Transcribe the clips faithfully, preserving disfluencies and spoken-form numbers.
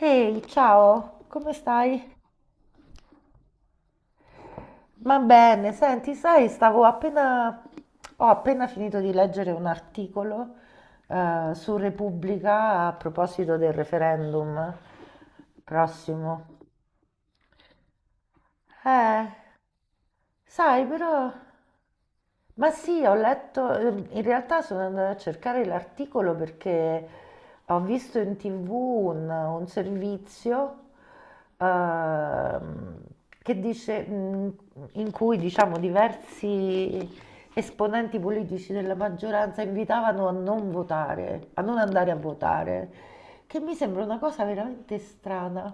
Ehi, ciao, come stai? Ma bene, senti, sai, stavo appena, ho appena finito di leggere un articolo eh, su Repubblica a proposito del referendum prossimo. Eh, Sai, però... Ma sì, ho letto, ehm, in realtà sono andata a cercare l'articolo perché ho visto in ti vu un, un servizio ehm, che dice, mh, in cui diciamo diversi esponenti politici della maggioranza invitavano a non votare, a non andare a votare, che mi sembra una cosa veramente strana.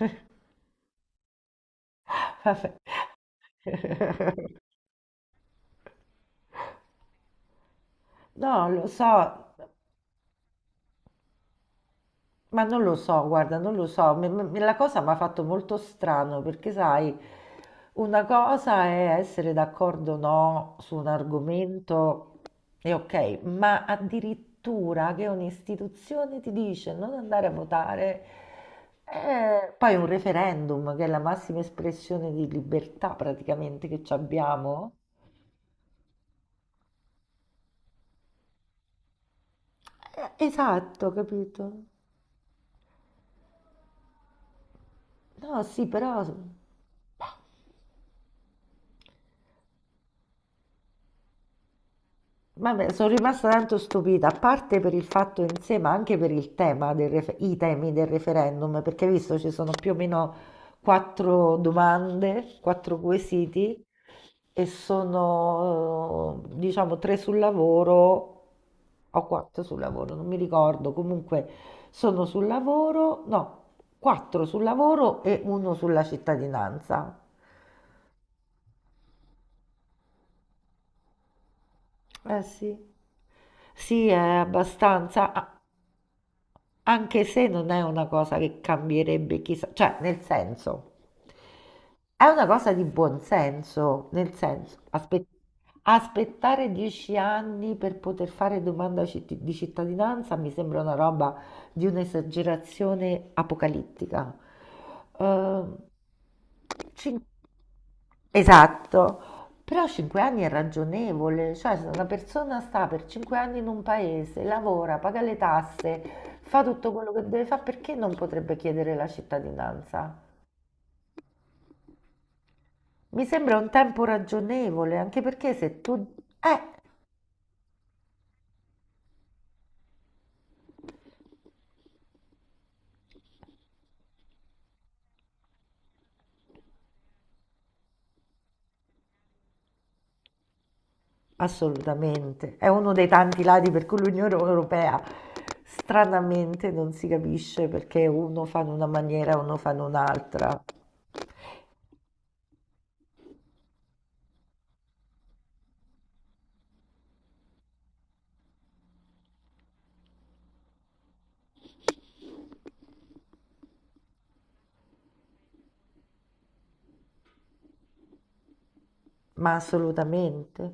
Vabbè. No, lo so. Ma non lo so, guarda, non lo so, me- me- la cosa mi ha fatto molto strano perché, sai, una cosa è essere d'accordo o no su un argomento e ok, ma addirittura che un'istituzione ti dice non andare a votare, eh, poi un referendum che è la massima espressione di libertà praticamente che ci abbiamo. Eh, esatto, capito? No, sì, però... Vabbè, sono rimasta tanto stupita, a parte per il fatto in sé, ma anche per il tema del ref- i temi del referendum, perché hai visto ci sono più o meno quattro domande, quattro quesiti e sono, eh, diciamo, tre sul lavoro o quattro sul lavoro, non mi ricordo, comunque sono sul lavoro, no, quattro sul lavoro e uno sulla cittadinanza. Eh sì. Sì, è abbastanza. Ah, anche se non è una cosa che cambierebbe chissà, cioè nel senso, è una cosa di buon senso, nel senso, aspe- aspettare dieci anni per poter fare domanda citt- di cittadinanza mi sembra una roba di un'esagerazione apocalittica. Ehm, cin- Esatto, però cinque anni è ragionevole, cioè se una persona sta per 5 anni in un paese, lavora, paga le tasse, fa tutto quello che deve fare, perché non potrebbe chiedere la cittadinanza? Mi sembra un tempo ragionevole, anche perché se tu... Eh, assolutamente, è uno dei tanti lati per cui l'Unione Europea stranamente non si capisce perché uno fa in una maniera e uno fa in un'altra, ma assolutamente.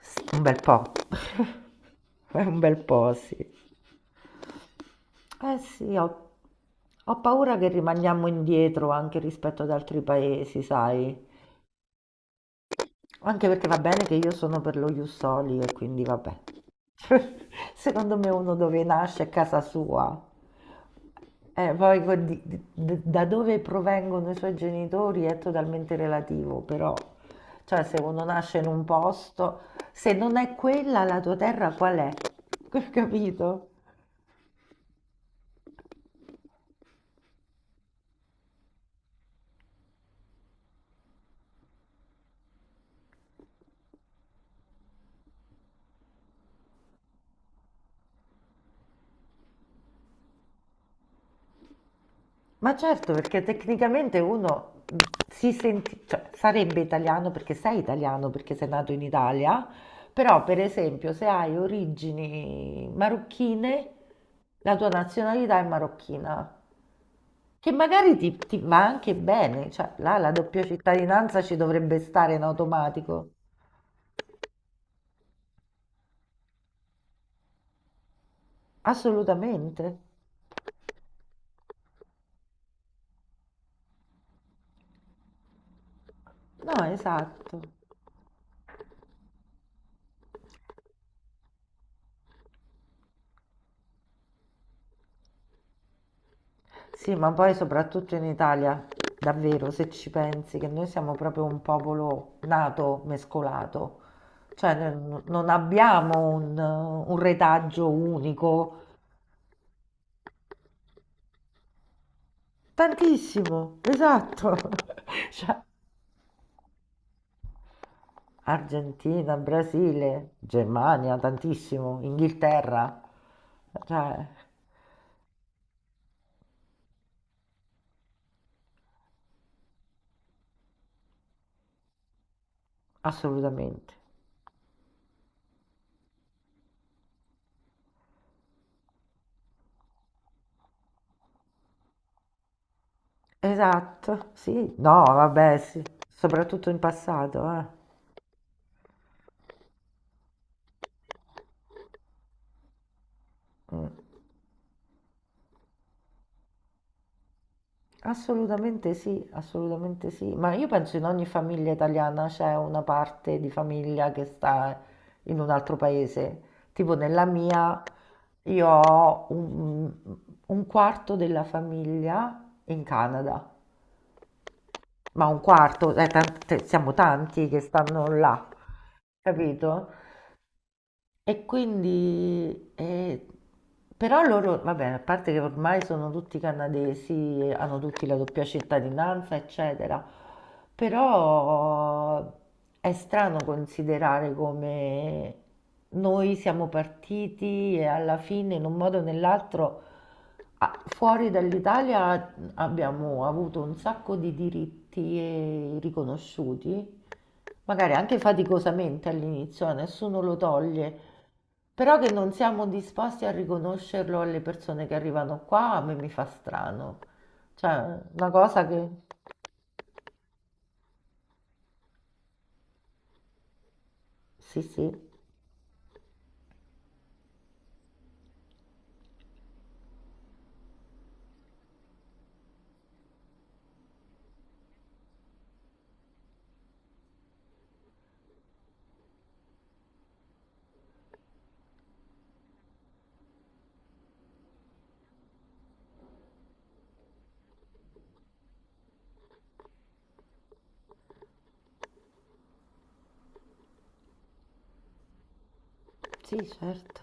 Sì, un bel po'. È un bel po', sì. Eh sì, ho, ho paura che rimaniamo indietro anche rispetto ad altri paesi, sai? Anche perché va bene che io sono per lo Ius Soli e quindi vabbè. Secondo me uno dove nasce è casa sua. Eh, poi con di- di- d- da dove provengono i suoi genitori è totalmente relativo, però, cioè, se uno nasce in un posto, se non è quella la tua terra, qual è? Capito? Ma certo, perché tecnicamente uno si senti, cioè, sarebbe italiano perché sei italiano, perché sei nato in Italia, però per esempio se hai origini marocchine, la tua nazionalità è marocchina, che magari ti, ti va anche bene, cioè là la doppia cittadinanza ci dovrebbe stare in automatico. Assolutamente. No, esatto. Sì, ma poi soprattutto in Italia, davvero, se ci pensi, che noi siamo proprio un popolo nato, mescolato, cioè n- non abbiamo un, un retaggio unico, tantissimo, esatto. Cioè, Argentina, Brasile, Germania, tantissimo, Inghilterra, cioè, assolutamente. Esatto, sì, no, vabbè, sì, soprattutto in passato, eh. Mm. Assolutamente sì, assolutamente sì, ma io penso in ogni famiglia italiana c'è una parte di famiglia che sta in un altro paese, tipo nella mia io ho un, un quarto della famiglia in Canada, ma un quarto, eh, tante- siamo tanti che stanno là, capito? E quindi, eh, però loro, vabbè, a parte che ormai sono tutti canadesi, e hanno tutti la doppia cittadinanza, eccetera, però è strano considerare come noi siamo partiti e alla fine, in un modo o nell'altro, a- fuori dall'Italia abbiamo avuto un sacco di diritti eh, riconosciuti magari anche faticosamente all'inizio, a nessuno lo toglie, però che non siamo disposti a riconoscerlo alle persone che arrivano qua, a me mi fa strano. Cioè, una cosa che... Sì, sì. Sì, certo.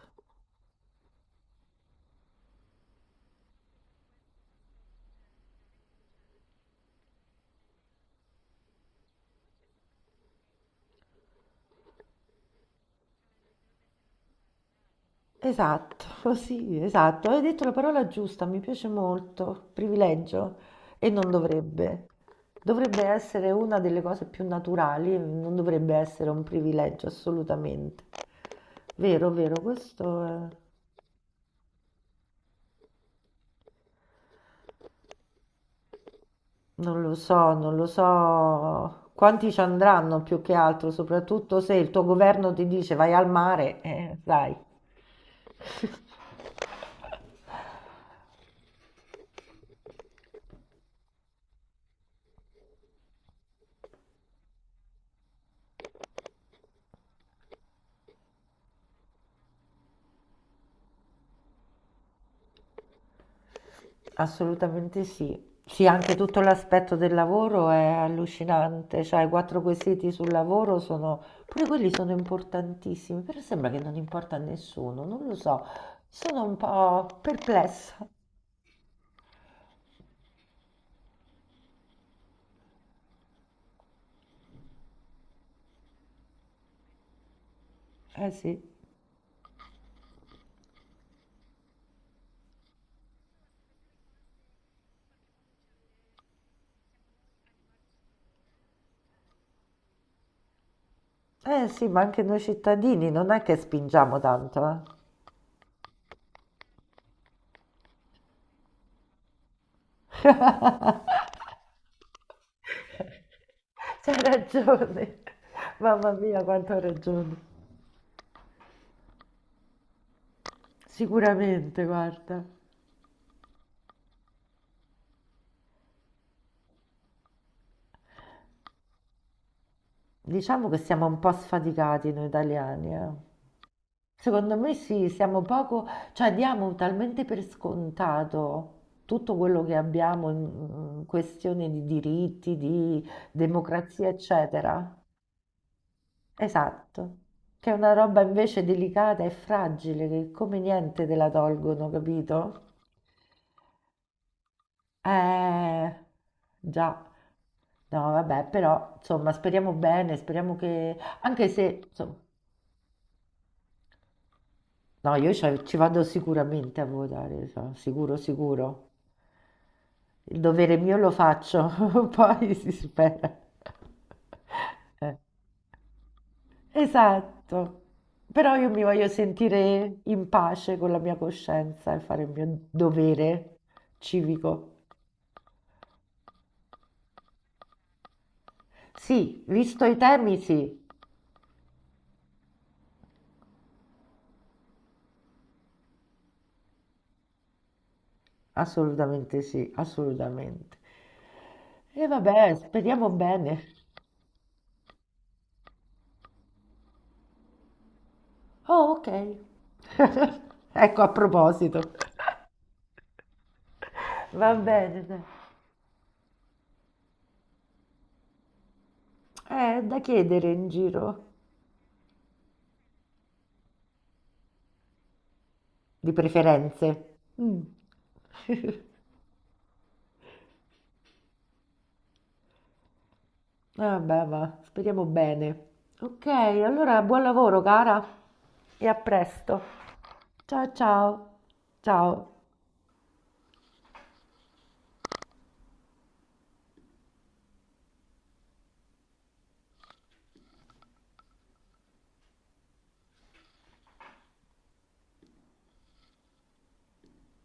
Esatto, sì, esatto. Hai detto la parola giusta, mi piace molto. Privilegio. E non dovrebbe. Dovrebbe essere una delle cose più naturali, non dovrebbe essere un privilegio, assolutamente. Vero, vero, questo è... Non lo so, non lo so quanti ci andranno più che altro, soprattutto se il tuo governo ti dice vai al mare, eh, dai. Assolutamente sì. Sì, anche tutto l'aspetto del lavoro è allucinante, cioè i quattro quesiti sul lavoro sono, pure quelli sono importantissimi, però sembra che non importa a nessuno, non lo so, sono un po' perplessa. Eh sì, eh sì, ma anche noi cittadini non è che spingiamo tanto, eh. C'hai ragione. Mamma mia, quanto hai ragione. Sicuramente, guarda. Diciamo che siamo un po' sfaticati noi italiani, eh. Secondo me sì, siamo poco, cioè diamo talmente per scontato tutto quello che abbiamo in in questione di diritti, di democrazia, eccetera. Esatto, che è una roba invece delicata e fragile che come niente te la tolgono, capito? Eh, già. No, vabbè, però insomma, speriamo bene, speriamo che anche se insomma, no, io ci ci vado sicuramente a votare, so, sicuro, sicuro. Il dovere mio lo faccio, poi si spera. Eh. Esatto, però io mi voglio sentire in pace con la mia coscienza e fare il mio dovere civico. Sì, visto i temi, sì, assolutamente sì, assolutamente. E vabbè, speriamo bene. Oh, ok. Ecco, a proposito. Va bene, dai. Eh, da chiedere in giro, di preferenze. Mm. Eh, vabbè, va, speriamo bene. Ok, allora buon lavoro, cara, e a presto. Ciao ciao. Ciao.